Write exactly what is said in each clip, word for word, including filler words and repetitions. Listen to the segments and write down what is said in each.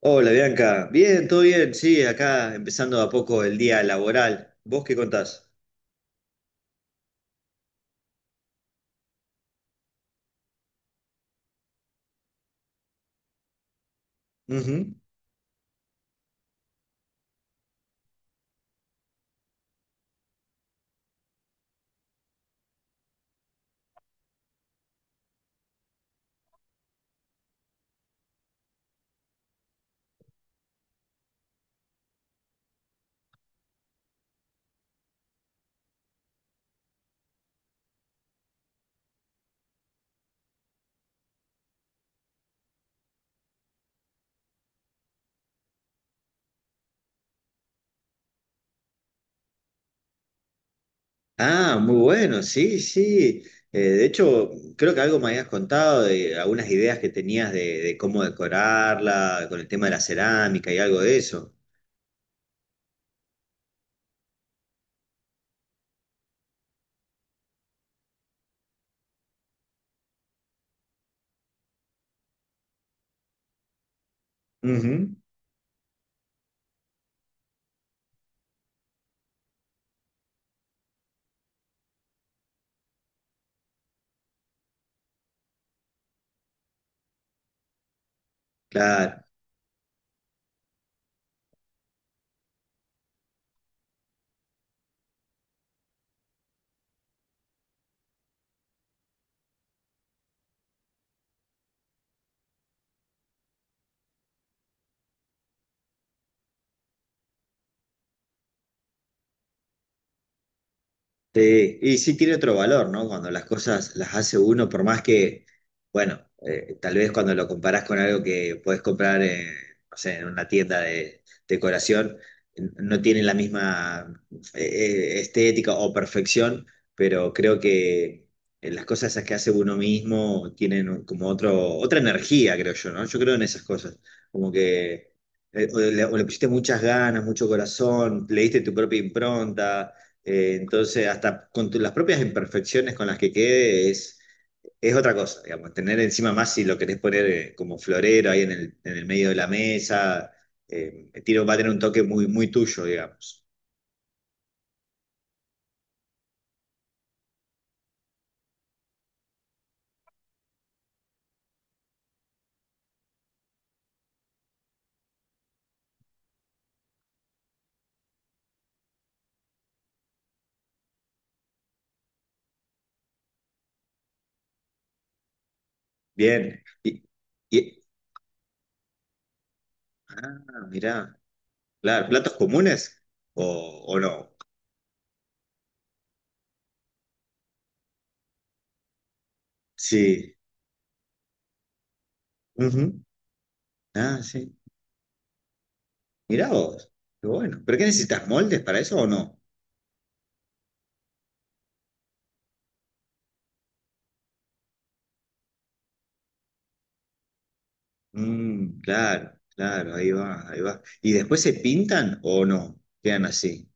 Hola Bianca, bien, todo bien, sí, acá empezando de a poco el día laboral. ¿Vos qué contás? Ujú. Ah, muy bueno, sí, sí. Eh, de hecho, creo que algo me habías contado de algunas ideas que tenías de, de cómo decorarla, con el tema de la cerámica y algo de eso. Ujú. Claro. Sí, y sí tiene otro valor, ¿no? Cuando las cosas las hace uno, por más que, bueno, eh, tal vez cuando lo comparás con algo que puedes comprar, eh, no sé, en una tienda de decoración, n- no tiene la misma eh, eh, estética o perfección, pero creo que eh, las cosas esas que hace uno mismo tienen un- como otro, otra energía, creo yo, ¿no? Yo creo en esas cosas, como que eh, o le o le pusiste muchas ganas, mucho corazón, le diste tu propia impronta, eh, entonces, hasta con tu- las propias imperfecciones con las que quede es, es otra cosa, digamos, tener encima más si lo querés poner eh, como florero ahí en el, en el medio de la mesa, eh, el tiro va a tener un toque muy, muy tuyo, digamos. Bien. Y, y- ah, mirá, claro, platos comunes o, o no. Sí. Ujú. Ah, sí. Mirá vos, qué bueno. ¿Pero qué necesitas moldes para eso o no? Mm, claro, claro, ahí va, ahí va. ¿Y después se pintan o no? Quedan así.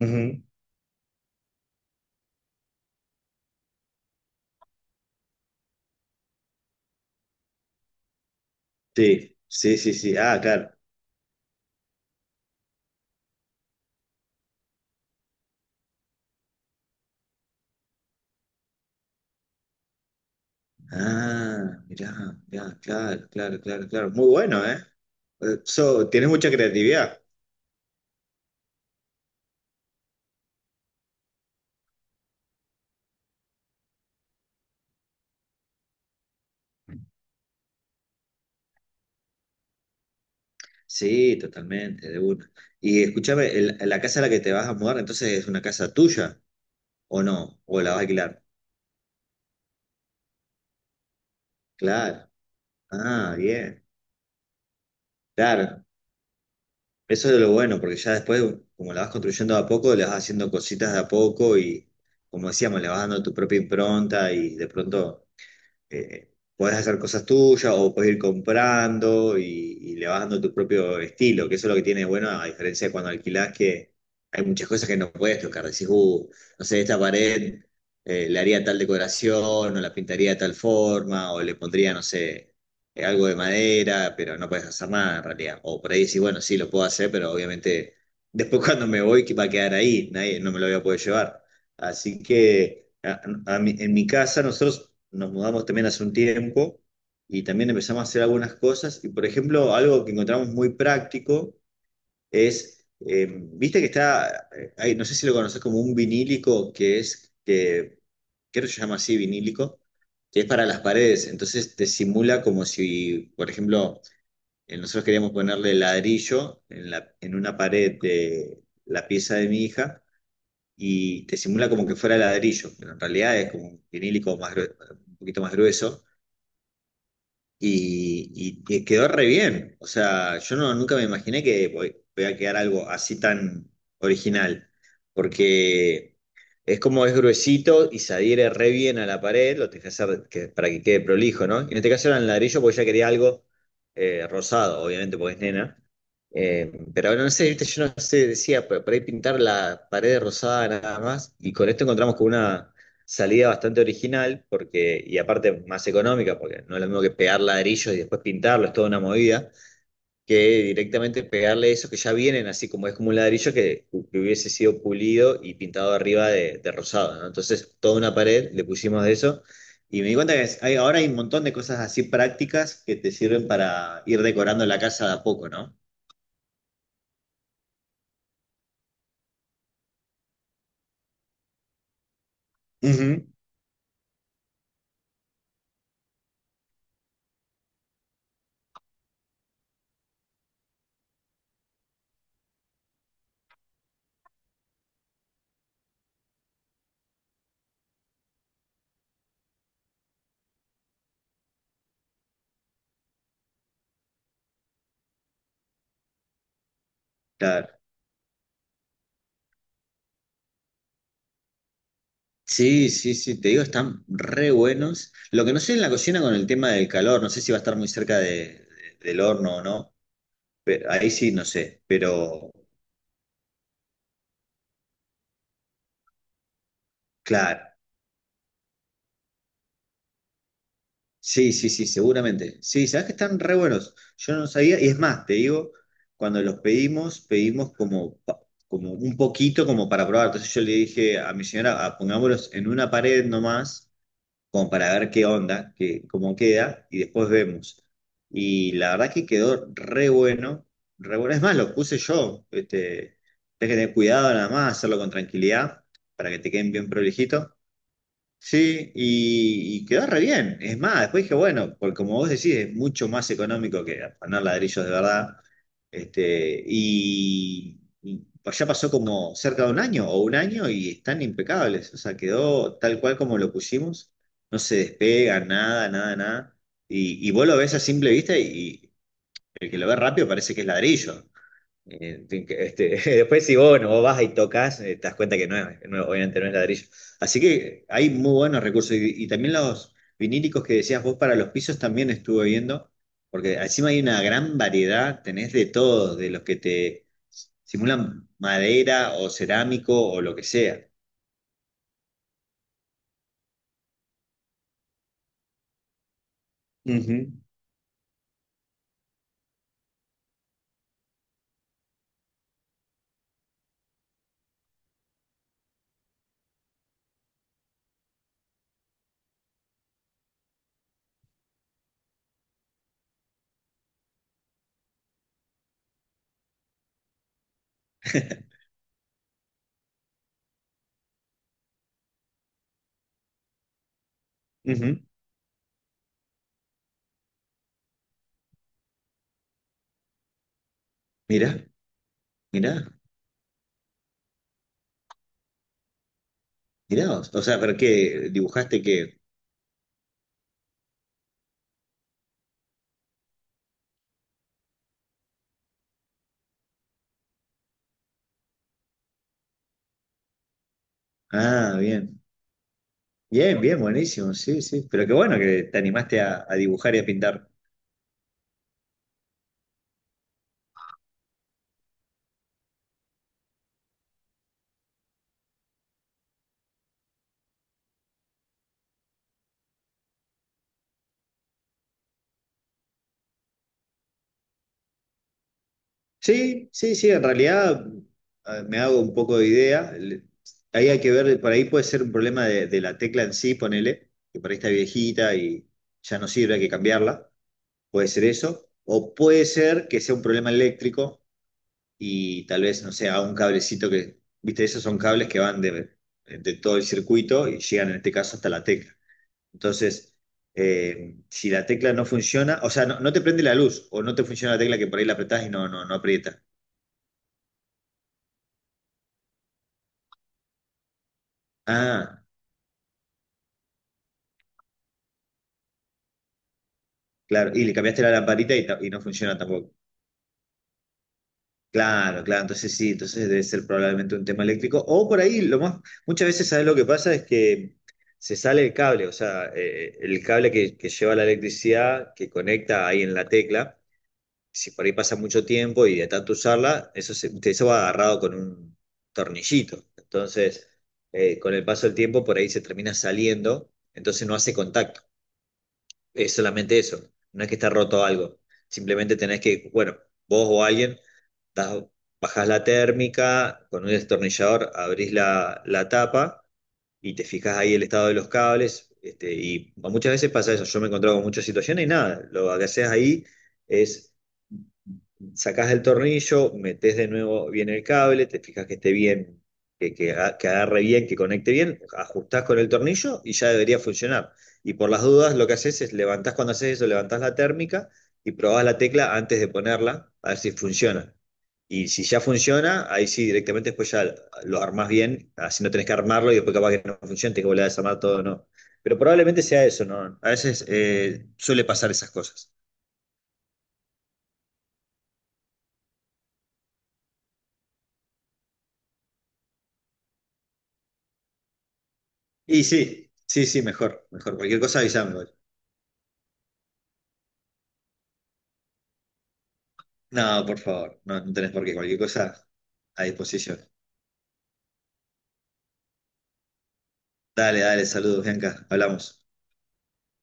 Ujú. Sí, sí, sí, sí. Ah, claro. Ah, mirá, mirá, claro, claro, claro, claro. Muy bueno, ¿eh? Eh, So, tienes mucha creatividad. Sí, totalmente, de una. Y escúchame, el- la casa a la que te vas a mudar, entonces es una casa tuya, ¿o no? ¿O la vas a alquilar? Claro. Ah, bien. Claro. Eso es lo bueno, porque ya después, como la vas construyendo de a poco, le vas haciendo cositas de a poco y, como decíamos, le vas dando tu propia impronta y de pronto eh, podés hacer cosas tuyas o podés ir comprando y, y le vas dando tu propio estilo, que eso es lo que tiene de bueno, a diferencia de cuando alquilás, que hay muchas cosas que no puedes tocar. Decís, uh, no sé, esta pared eh, le haría tal decoración, o la pintaría de tal forma, o le pondría, no sé, eh, algo de madera, pero no puedes hacer nada en realidad. O por ahí decís, bueno, sí, lo puedo hacer, pero obviamente después cuando me voy, ¿qué va a quedar ahí? Nadie, no me lo voy a poder llevar. Así que a- a mi- en mi casa nosotros nos mudamos también hace un tiempo y también empezamos a hacer algunas cosas. Y por ejemplo, algo que encontramos muy práctico es, eh, viste que está, eh, hay- no sé si lo conoces como un vinílico que es, que creo que se llama así vinílico, que es para las paredes. Entonces te simula como si, por ejemplo, eh, nosotros queríamos ponerle ladrillo en la, en una pared de la pieza de mi hija y te simula como que fuera ladrillo, pero en realidad es como un vinílico más grue- un poquito más grueso. Y, y que quedó re bien. O sea, yo no, nunca me imaginé que voy, voy a quedar algo así tan original. Porque es como es gruesito y se adhiere re bien a la pared, lo tenés que hacer que- para que quede prolijo, ¿no? Y en este caso era en ladrillo porque ya quería algo eh, rosado, obviamente, porque es nena. Eh, pero no sé, viste, yo no sé, decía, por por ahí pintar la pared rosada nada más. Y con esto encontramos con una salida bastante original, porque, y aparte más económica, porque no es lo mismo que pegar ladrillos y después pintarlo, es toda una movida, que directamente pegarle eso que ya vienen así como es como un ladrillo que, que hubiese sido pulido y pintado arriba de, de rosado, ¿no? Entonces, toda una pared le pusimos de eso. Y me di cuenta que es- hay- ahora hay un montón de cosas así prácticas que te sirven para ir decorando la casa de a poco, ¿no? Ujú. Claro. Sí, sí, sí, te digo, están re buenos. Lo que no sé en la cocina con el tema del calor, no sé si va a estar muy cerca de- de- del horno o no. Pe- ahí sí, no sé, pero claro. Sí, sí, sí, seguramente. Sí, sabes que están re buenos. Yo no sabía, y es más, te digo, cuando los pedimos, pedimos como, pa- como un poquito como para probar. Entonces yo le dije a mi señora, "Ah, pongámoslos en una pared nomás como para ver qué onda, qué, cómo queda, y después vemos". Y la verdad que quedó re bueno, re bueno. Es más, lo puse yo. Este, tenés que tener cuidado nada más, hacerlo con tranquilidad, para que te queden bien prolijito. Sí, y, y quedó re bien. Es más, después dije, bueno, porque como vos decís, es mucho más económico que afanar ladrillos de verdad. Este, y, y ya pasó como cerca de un año o un año y están impecables. O sea, quedó tal cual como lo pusimos. No se despega, nada, nada, nada. Y, y vos lo ves a simple vista y, y el que lo ve rápido parece que es ladrillo. Eh, ti- que, este, después si vos, no vos vas y tocas, eh, te das cuenta que no es, no- obviamente no es ladrillo. Así que hay muy buenos recursos. Y, y también los vinílicos que decías vos para los pisos también estuve viendo, porque encima hay una gran variedad, tenés de todos, de los que te simulan madera o cerámico o lo que sea. Ujú, ujú. Mirá, mirá, mirá vos. O sea, pero qué dibujaste qué. Ah, bien. Bien, bien, buenísimo. Sí, sí. Pero qué bueno que te animaste a, a dibujar y a pintar. Sí, sí, sí, en realidad eh, me hago un poco de idea. Le- Ahí hay que ver, por ahí puede ser un problema de, de la tecla en sí, ponele, que por ahí está viejita y ya no sirve, hay que cambiarla. Puede ser eso. O puede ser que sea un problema eléctrico y tal vez, no sé, haga un cablecito que, viste, esos son cables que van de, de todo el circuito y llegan en este caso hasta la tecla. Entonces, eh, si la tecla no funciona, o sea, no, no te prende la luz o no te funciona la tecla que por ahí la apretás y no, no, no aprieta. Ah. Claro, y le cambiaste la lamparita y, ta- y no funciona tampoco. Claro, claro, entonces sí, entonces debe ser probablemente un tema eléctrico. O por ahí, lo más, muchas veces, ¿sabes lo que pasa? Es que se sale el cable, o sea, eh, eh, el cable que, que lleva la electricidad, que conecta ahí en la tecla, si por ahí pasa mucho tiempo y de tanto usarla, eso, se, eso va agarrado con un tornillito. Entonces, eh, con el paso del tiempo, por ahí se termina saliendo, entonces no hace contacto. Es solamente eso. No es que está roto algo. Simplemente tenés que, bueno, vos o alguien, das- bajás la térmica, con un destornillador abrís la, la tapa y te fijas ahí el estado de los cables. Este, y muchas veces pasa eso. Yo me he encontrado con muchas situaciones y nada, lo que haces ahí es sacás del tornillo, metés de nuevo bien el cable, te fijas que esté bien, que, que a- que agarre bien, que conecte bien, ajustás con el tornillo y ya debería funcionar. Y por las dudas, lo que haces es levantás cuando haces eso, levantás la térmica y probás la tecla antes de ponerla, a ver si funciona. Y si ya funciona, ahí sí, directamente después ya lo armás bien, así no tenés que armarlo y después capaz que no funciona, tenés que volver a desarmar todo, ¿no? Pero probablemente sea eso, ¿no? A veces eh, suele pasar esas cosas. Y sí, sí, sí, mejor, mejor. Cualquier cosa avísame igual. No, por favor, no, no tenés por qué. Cualquier cosa a disposición. Dale, dale, saludos, Bianca. Hablamos.